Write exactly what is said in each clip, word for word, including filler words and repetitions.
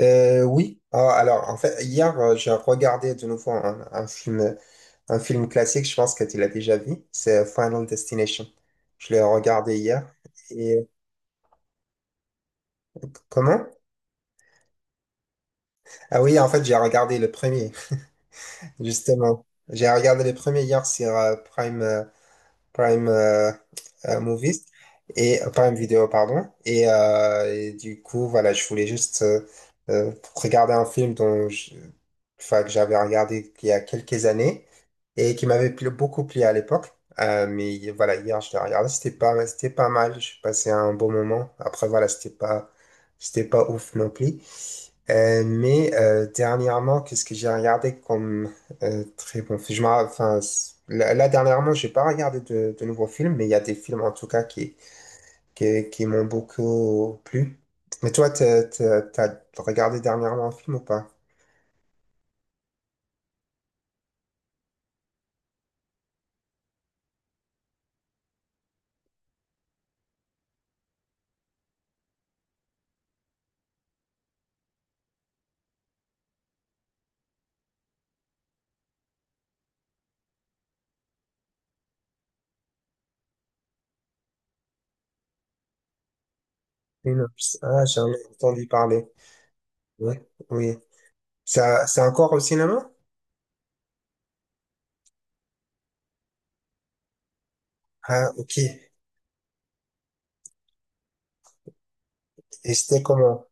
Euh, oui. Ah, alors en fait hier, euh, j'ai regardé de nouveau un, un film un film classique, je pense que tu l'as déjà vu, c'est Final Destination. Je l'ai regardé hier. Et comment? Ah oui, en fait j'ai regardé le premier, justement. J'ai regardé le premier hier sur euh, Prime euh, Prime euh, euh, Movies et euh, Prime Video, pardon. Et, euh, et du coup, voilà, je voulais juste euh, euh, regarder un film dont je- enfin, que j'avais regardé il y a quelques années et qui m'avait plu- beaucoup plu à l'époque. Euh, mais voilà, hier, je l'ai regardé, c'était pas, c'était pas mal. J'ai passé un bon moment. Après, voilà, c'était pas, c'était pas ouf non plus. Euh, mais euh, dernièrement, qu'est-ce que j'ai regardé comme euh, très bon film. Je m'en- enfin, c- là, là, dernièrement, j'ai pas regardé de, de nouveaux films, mais il y a des films en tout cas qui, qui, qui m'ont beaucoup plu. Mais toi, t'as, t'as- t'as regardé dernièrement un film ou pas? Synopsis. Ah, j'en ai entendu parler. Oui, oui. Ça, c'est encore au cinéma? Ah, ok. Et c'était comment?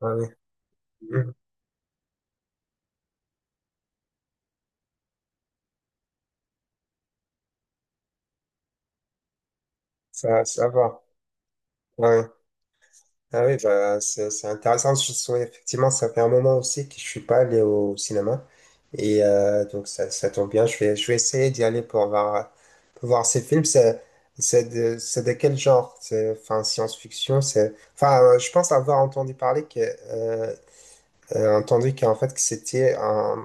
Ah, oui. Mhm. Ça, ça va. Ouais. Ah oui, bah, c'est c'est intéressant. Je souhaite- effectivement, ça fait un moment aussi que je suis pas allé au cinéma. Et euh, donc, ça, ça tombe bien. Je vais, je vais essayer d'y aller pour voir, pour voir ces films. C'est c'est de, c'est de quel genre? C'est, enfin, science-fiction, c'est... Enfin, euh, je pense avoir entendu parler que... Euh, euh, entendu qu'en fait, que c'était un,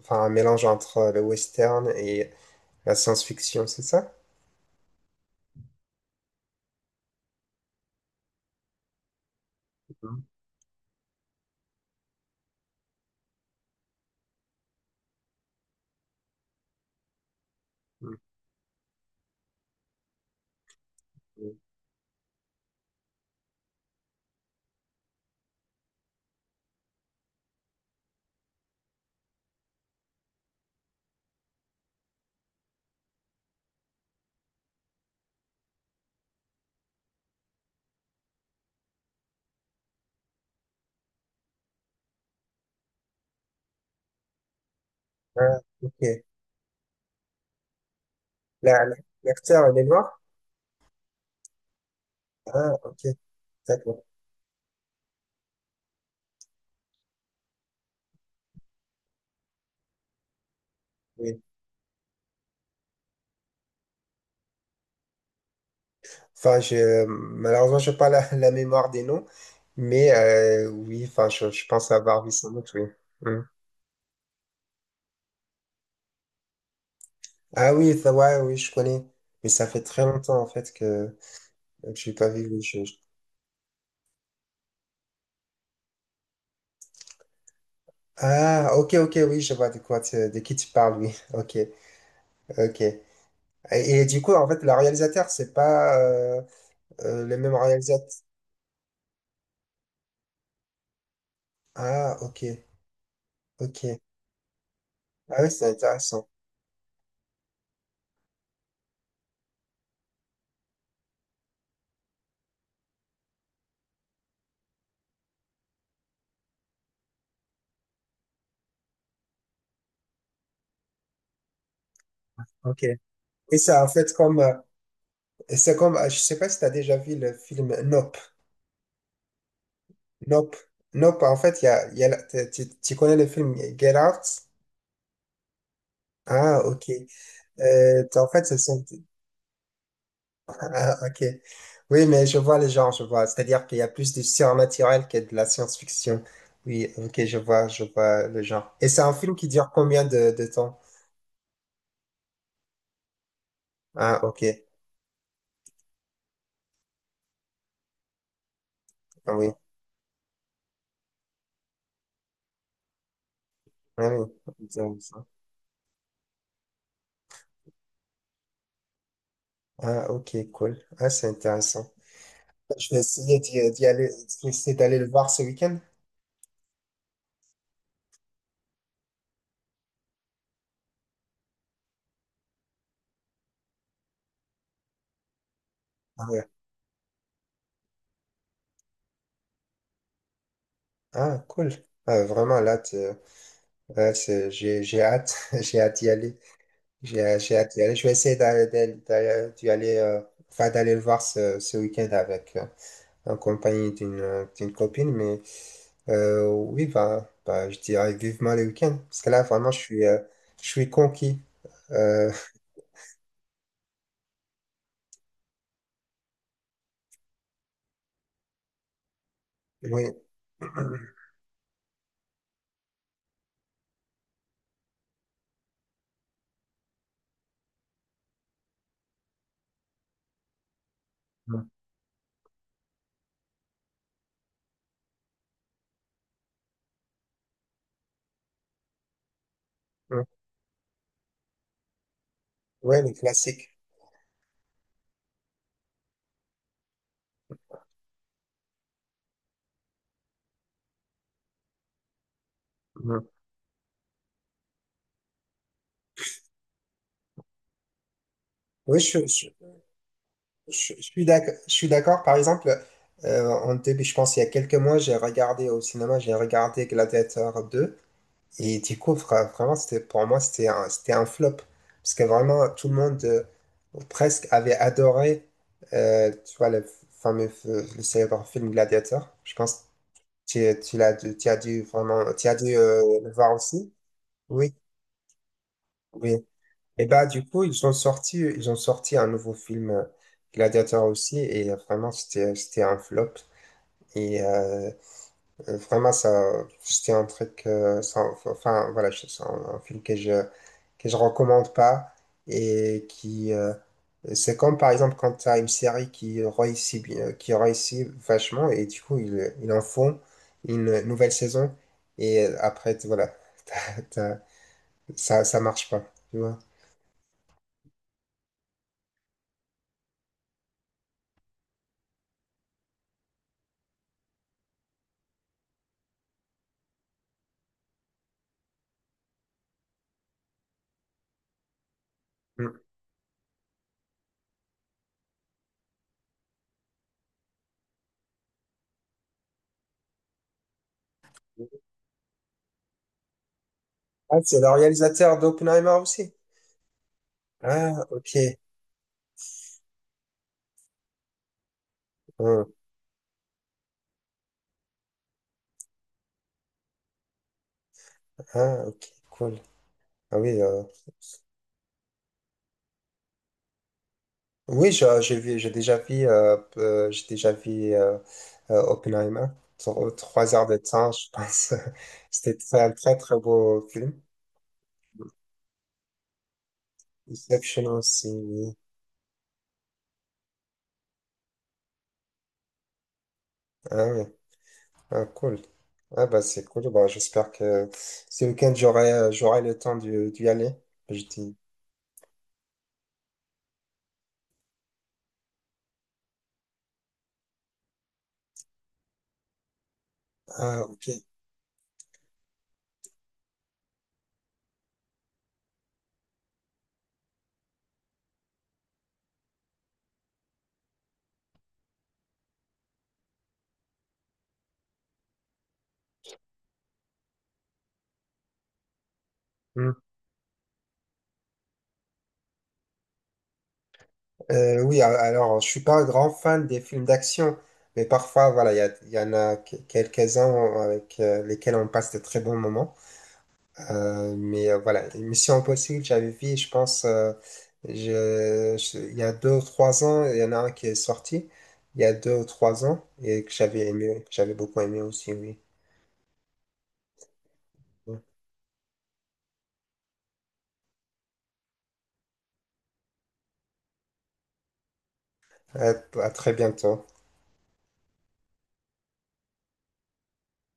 enfin, un mélange entre le western et la science-fiction, c'est ça? Mhm. Mhm. Ah, ok. La- la- L'acteur, il est noir? Ah, ok. D'accord. Oui. Enfin, je, malheureusement, je n'ai pas la, la mémoire des noms, mais euh, oui, enfin, je, je pense avoir vu sans doute, oui. Mm. Ah oui, ça, ouais, oui, je connais. Mais ça fait très longtemps, en fait, que, que je n'ai pas vu. Oui, je- je- Ah, ok, ok, oui, je vois de quoi tu- de qui tu parles, oui. Ok, ok. Et, et du coup, en fait, le réalisateur, c'est pas euh, euh, le même réalisateur. Ah, ok, ok. Ah oui, c'est intéressant. Ok. Et ça, en fait, comme, euh, c'est comme, je sais pas si tu as déjà vu le film, non. Nope. Nope, en fait, il y a, il y a la- t'es- tu tu connais le film Get Out? Ah, ok. Euh, en fait, ce sont... Ah, ok. Oui, mais je vois les genres, je vois. C'est-à-dire qu'il y a plus du surnaturel que de la science-fiction. Oui, ok, je vois, je vois le genre. Et c'est un film qui dure combien de, de temps? Ah, ok. Ah oui. Ah oui. Disons ça. Ah, ok, cool. Ah, c'est intéressant. Je vais essayer d'y d'y aller, d'essayer d'aller le voir ce week-end. Ah, ouais. Ah, cool. Ah, vraiment, là, tu- ouais, c'est- j'ai j'ai hâte, j'ai hâte d'y aller. J'ai j'ai hâte d'y aller. Je vais essayer d'aller d'aller- d'aller- d'y aller, euh, enfin, d'aller le voir ce, ce week-end avec, euh, en compagnie d'une euh, d'une copine. Mais euh, oui, bah, bah, je dirais vivement le week-end. Parce que là, vraiment, je suis, euh, je suis conquis. Euh, oui. Mm, mm. Ouais, le classique. Mm. Oui, je, je- Je, je suis d'ac- je suis d'accord. Par exemple, euh, en début, je pense il y a quelques mois, j'ai regardé au cinéma, j'ai regardé Gladiator deux. Et du coup, vra- vraiment, c'était, pour moi, c'était un, c'était un flop. Parce que vraiment, tout le monde euh, presque avait adoré, euh, tu vois, le fameux, f- le célèbre film Gladiator. Je pense que tu, tu l'as, dû- tu as dû vraiment, tu as dû euh, le voir aussi. Oui, oui. Et bah du coup ils ont sorti ils ont sorti un nouveau film euh, Gladiator aussi et euh, vraiment c'était c'était un flop et euh, euh, vraiment ça c'était un truc euh, sans- enfin voilà je- c'est un, un film que je que je recommande pas et qui euh, c'est comme par exemple quand tu as une série qui réussit bien qui réussit vachement et du coup ils ils en font une nouvelle saison et euh, après t- voilà t'as- t'as- ça ça marche pas tu vois. Ah, c'est le réalisateur d'Oppenheimer aussi. Ah, ok. Hum. Ah, ok, cool. Ah oui, euh, oui, je- j'ai vu, j'ai déjà vu, euh, euh, j'ai déjà vu euh, euh, Oppenheimer. Tro- Trois heures de temps, je pense. C'était très- un très très beau film. Inception aussi. Oui. Ah oui, ah, cool. Ah bah c'est cool. Bah, j'espère que ce week-end j'aurai euh, j'aurai le temps d'y d'y aller. Je dis. Ah ok. Hum. Euh, oui, a- alors je suis pas un grand fan des films d'action, mais parfois voilà, il y, a- il y en a que- quelques-uns avec euh, lesquels on passe de très bons moments. Euh, mais euh, voilà, Mission Impossible, j'avais vu, je pense, euh, je- je- il y a deux ou trois ans, il y en a un qui est sorti il y a deux ou trois ans et que j'avais aimé, que j'avais beaucoup aimé aussi, oui. À, à très bientôt.